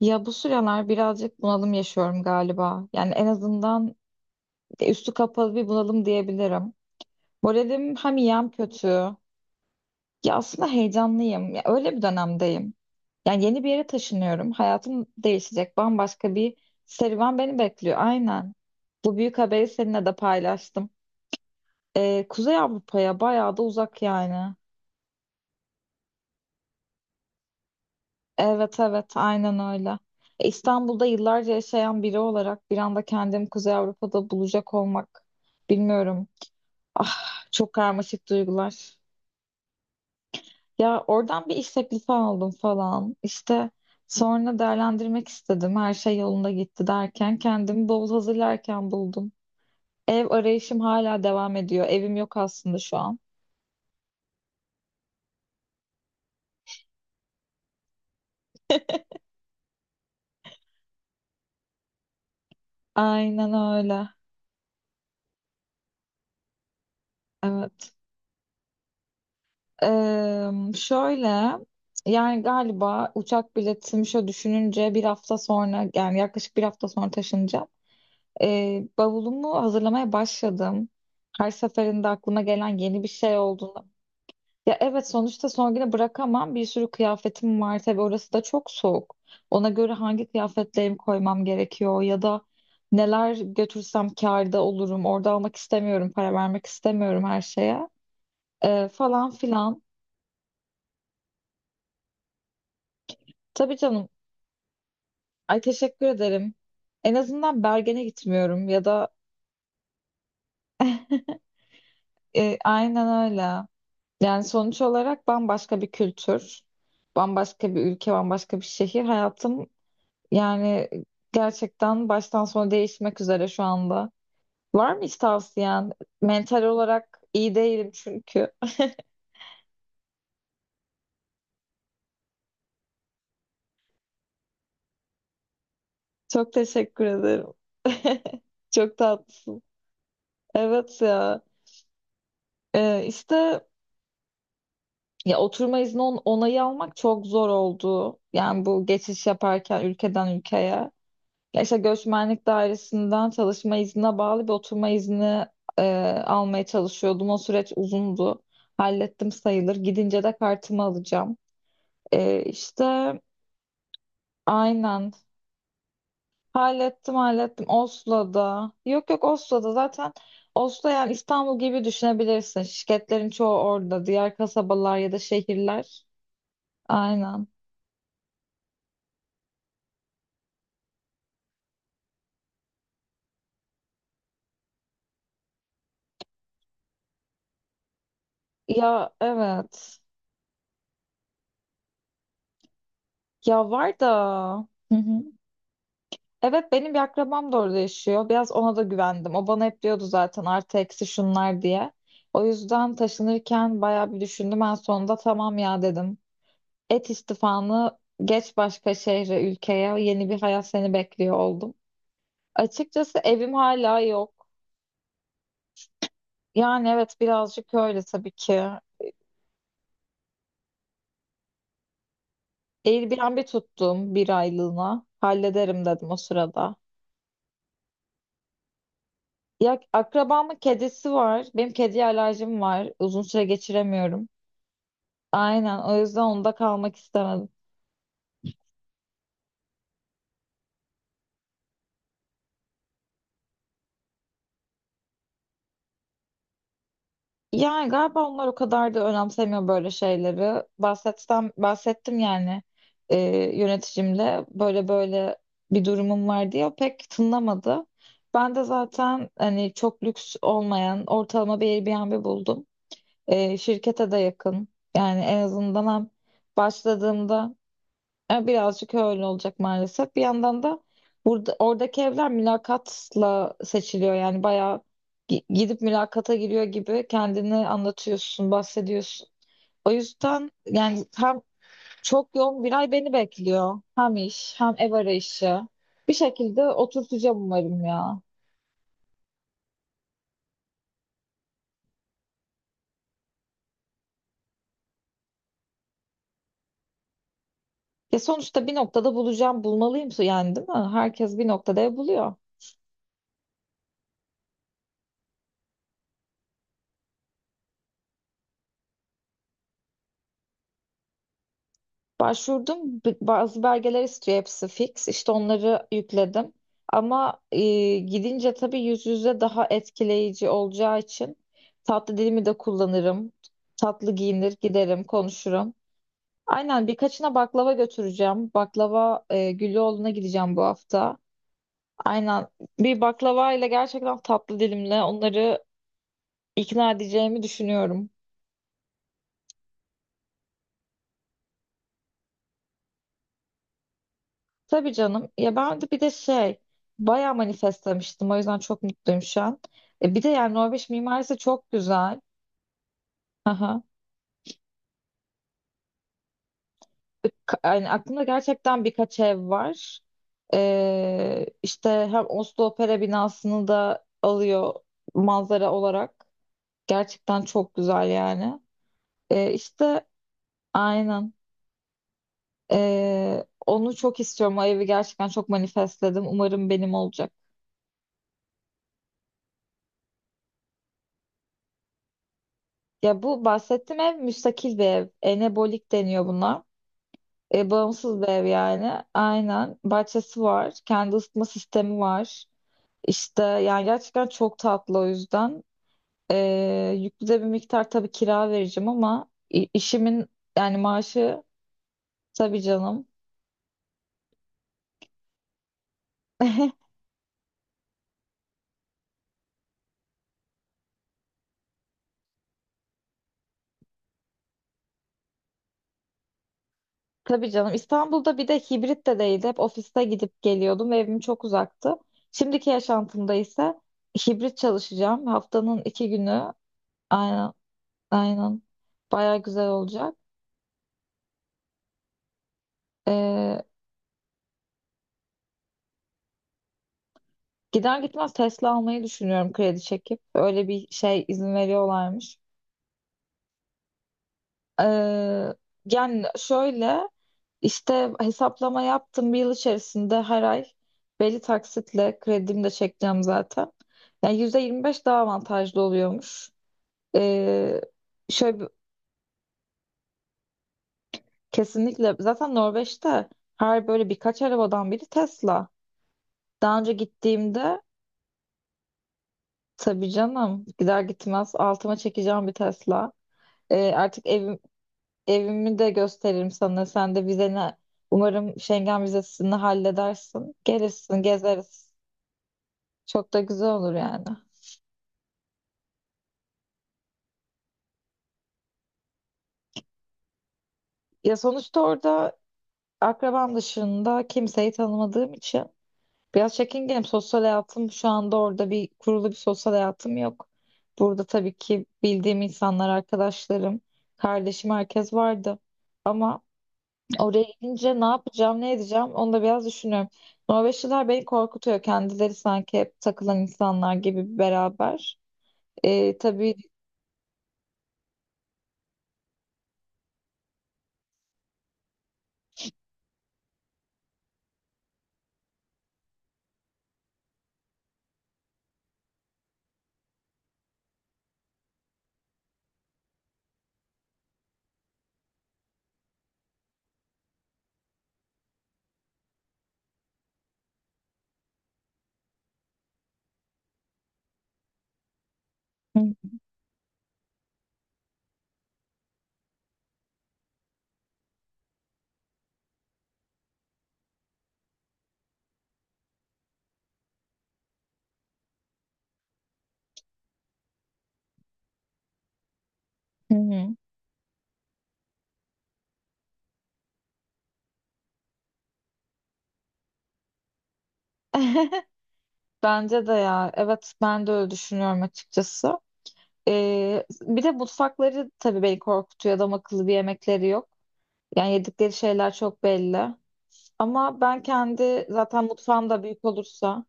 Ya bu sıralar birazcık bunalım yaşıyorum galiba. Yani en azından üstü kapalı bir bunalım diyebilirim. Moralim hem iyi hem kötü. Ya aslında heyecanlıyım. Ya öyle bir dönemdeyim. Yani yeni bir yere taşınıyorum. Hayatım değişecek. Bambaşka bir serüven beni bekliyor. Aynen. Bu büyük haberi seninle de paylaştım. Kuzey Avrupa'ya bayağı da uzak yani. Evet evet aynen öyle. İstanbul'da yıllarca yaşayan biri olarak bir anda kendimi Kuzey Avrupa'da bulacak olmak bilmiyorum. Ah, çok karmaşık duygular. Ya oradan bir iş teklifi aldım falan. İşte sonra değerlendirmek istedim. Her şey yolunda gitti derken kendimi bavul hazırlarken buldum. Ev arayışım hala devam ediyor. Evim yok aslında şu an. Aynen öyle. Evet. Şöyle yani galiba uçak biletimi şöyle düşününce bir hafta sonra, yani yaklaşık bir hafta sonra taşınacağım. Bavulumu hazırlamaya başladım. Her seferinde aklıma gelen yeni bir şey olduğunda. Ya evet, sonuçta son güne bırakamam. Bir sürü kıyafetim var, tabii orası da çok soğuk. Ona göre hangi kıyafetlerimi koymam gerekiyor ya da neler götürsem kârda olurum. Orada almak istemiyorum, para vermek istemiyorum her şeye. Falan filan. Tabii canım. Ay, teşekkür ederim. En azından Bergen'e gitmiyorum ya da aynen öyle. Yani sonuç olarak bambaşka bir kültür, bambaşka bir ülke, bambaşka bir şehir. Hayatım yani gerçekten baştan sona değişmek üzere şu anda. Var mı hiç tavsiyen? Mental olarak iyi değilim çünkü. Çok teşekkür ederim. Çok tatlısın. Evet ya. İşte ya oturma izni onayı almak çok zor oldu. Yani bu geçiş yaparken ülkeden ülkeye. Ya işte göçmenlik dairesinden çalışma iznine bağlı bir oturma izni e, almaya çalışıyordum. O süreç uzundu. Hallettim sayılır. Gidince de kartımı alacağım. İşte aynen. Hallettim hallettim. Oslo'da. Yok yok, Oslo'da zaten. Oslo yani İstanbul gibi düşünebilirsin. Şirketlerin çoğu orada. Diğer kasabalar ya da şehirler. Aynen. Ya evet. Ya var da. Hı hı. Evet, benim bir akrabam da orada yaşıyor. Biraz ona da güvendim. O bana hep diyordu zaten, artı eksi şunlar diye. O yüzden taşınırken bayağı bir düşündüm. En sonunda tamam ya dedim. Et istifanı, geç başka şehre, ülkeye. Yeni bir hayat seni bekliyor oldum. Açıkçası evim hala yok. Yani evet, birazcık öyle tabii ki. Airbnb tuttum bir aylığına. Hallederim dedim o sırada. Ya akrabamın kedisi var. Benim kediye alerjim var. Uzun süre geçiremiyorum. Aynen, o yüzden onda kalmak istemedim. Yani galiba onlar o kadar da önemsemiyor böyle şeyleri. Bahsetsem, bahsettim yani, e, yöneticimle böyle böyle bir durumum var diye o pek tınlamadı. Ben de zaten hani çok lüks olmayan ortalama bir Airbnb buldum. Şirkete de yakın. Yani en azından hem başladığımda birazcık öyle olacak maalesef. Bir yandan da burada oradaki evler mülakatla seçiliyor. Yani bayağı gidip mülakata giriyor gibi kendini anlatıyorsun, bahsediyorsun. O yüzden yani hem çok yoğun bir ay beni bekliyor. Hem iş, hem ev arayışı. Bir şekilde oturtacağım umarım ya. Ya sonuçta bir noktada bulacağım, bulmalıyım yani, değil mi? Herkes bir noktada ev buluyor. Başvurdum. Bazı belgeler istiyor, hepsi fix. İşte onları yükledim. Ama gidince tabii yüz yüze daha etkileyici olacağı için tatlı dilimi de kullanırım. Tatlı giyinir, giderim, konuşurum. Aynen, birkaçına baklava götüreceğim. Baklava, Güllüoğlu'na gideceğim bu hafta. Aynen, bir baklava ile gerçekten tatlı dilimle onları ikna edeceğimi düşünüyorum. Tabii canım. Ya ben de bir de şey, bayağı manifestlemiştim. O yüzden çok mutluyum şu an. Bir de yani Norveç mimarisi çok güzel. Aha. Yani aklımda gerçekten birkaç ev var. İşte hem Oslo Opera binasını da alıyor manzara olarak. Gerçekten çok güzel yani. İşte aynen. Onu çok istiyorum. O evi gerçekten çok manifestledim. Umarım benim olacak. Ya bu bahsettiğim ev müstakil bir ev. Enebolik deniyor buna. Bağımsız bir ev yani. Aynen. Bahçesi var. Kendi ısıtma sistemi var. İşte yani gerçekten çok tatlı, o yüzden. E, Yüklü de bir miktar tabii kira vereceğim ama işimin yani maaşı, tabii canım. Tabii canım. İstanbul'da bir de hibrit de değildi. Hep ofiste gidip geliyordum ve evim çok uzaktı. Şimdiki yaşantımda ise hibrit çalışacağım. Haftanın iki günü. Aynen. Aynen. Baya güzel olacak. Ee, Gider gitmez Tesla almayı düşünüyorum, kredi çekip. Öyle bir şey, izin veriyorlarmış. Ee, Yani şöyle, işte hesaplama yaptım, bir yıl içerisinde her ay belli taksitle kredimi de çekeceğim zaten. Yani %25 daha avantajlı oluyormuş. Ee, şöyle bir- Kesinlikle zaten Norveç'te her böyle birkaç arabadan biri Tesla. Daha önce gittiğimde. Tabii canım. Gider gitmez altıma çekeceğim bir Tesla. Artık evimi de gösteririm sana. Sen de vizeni, umarım Schengen vizesini halledersin. Gelirsin, gezeriz. Çok da güzel olur yani. Ya sonuçta orada akrabam dışında kimseyi tanımadığım için biraz çekingenim. Sosyal hayatım şu anda, orada bir sosyal hayatım yok. Burada tabii ki bildiğim insanlar, arkadaşlarım, kardeşim, herkes vardı. Ama oraya gidince ne yapacağım, ne edeceğim, onu da biraz düşünüyorum. Norveçliler beni korkutuyor. Kendileri sanki hep takılan insanlar gibi beraber. Tabii. Hı hı. Hı. Bence de ya. Evet, ben de öyle düşünüyorum açıkçası. Bir de mutfakları tabii beni korkutuyor. Adam akıllı bir yemekleri yok. Yani yedikleri şeyler çok belli. Ama ben kendi zaten mutfağım da büyük olursa,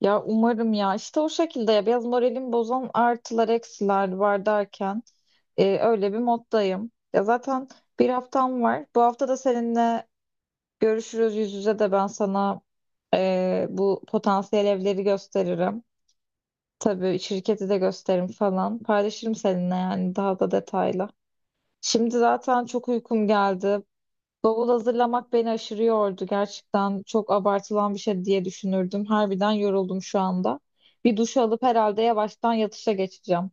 ya umarım ya işte o şekilde, ya biraz moralimi bozan artılar eksiler var derken öyle bir moddayım. Ya zaten bir haftam var. Bu hafta da seninle görüşürüz yüz yüze, de ben sana bu potansiyel evleri gösteririm. Tabii şirketi de gösteririm falan. Paylaşırım seninle yani, daha da detaylı. Şimdi zaten çok uykum geldi. Bavul hazırlamak beni aşırı yordu. Gerçekten çok abartılan bir şey diye düşünürdüm. Harbiden yoruldum şu anda. Bir duş alıp herhalde yavaştan yatışa geçeceğim.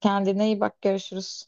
Kendine iyi bak, görüşürüz.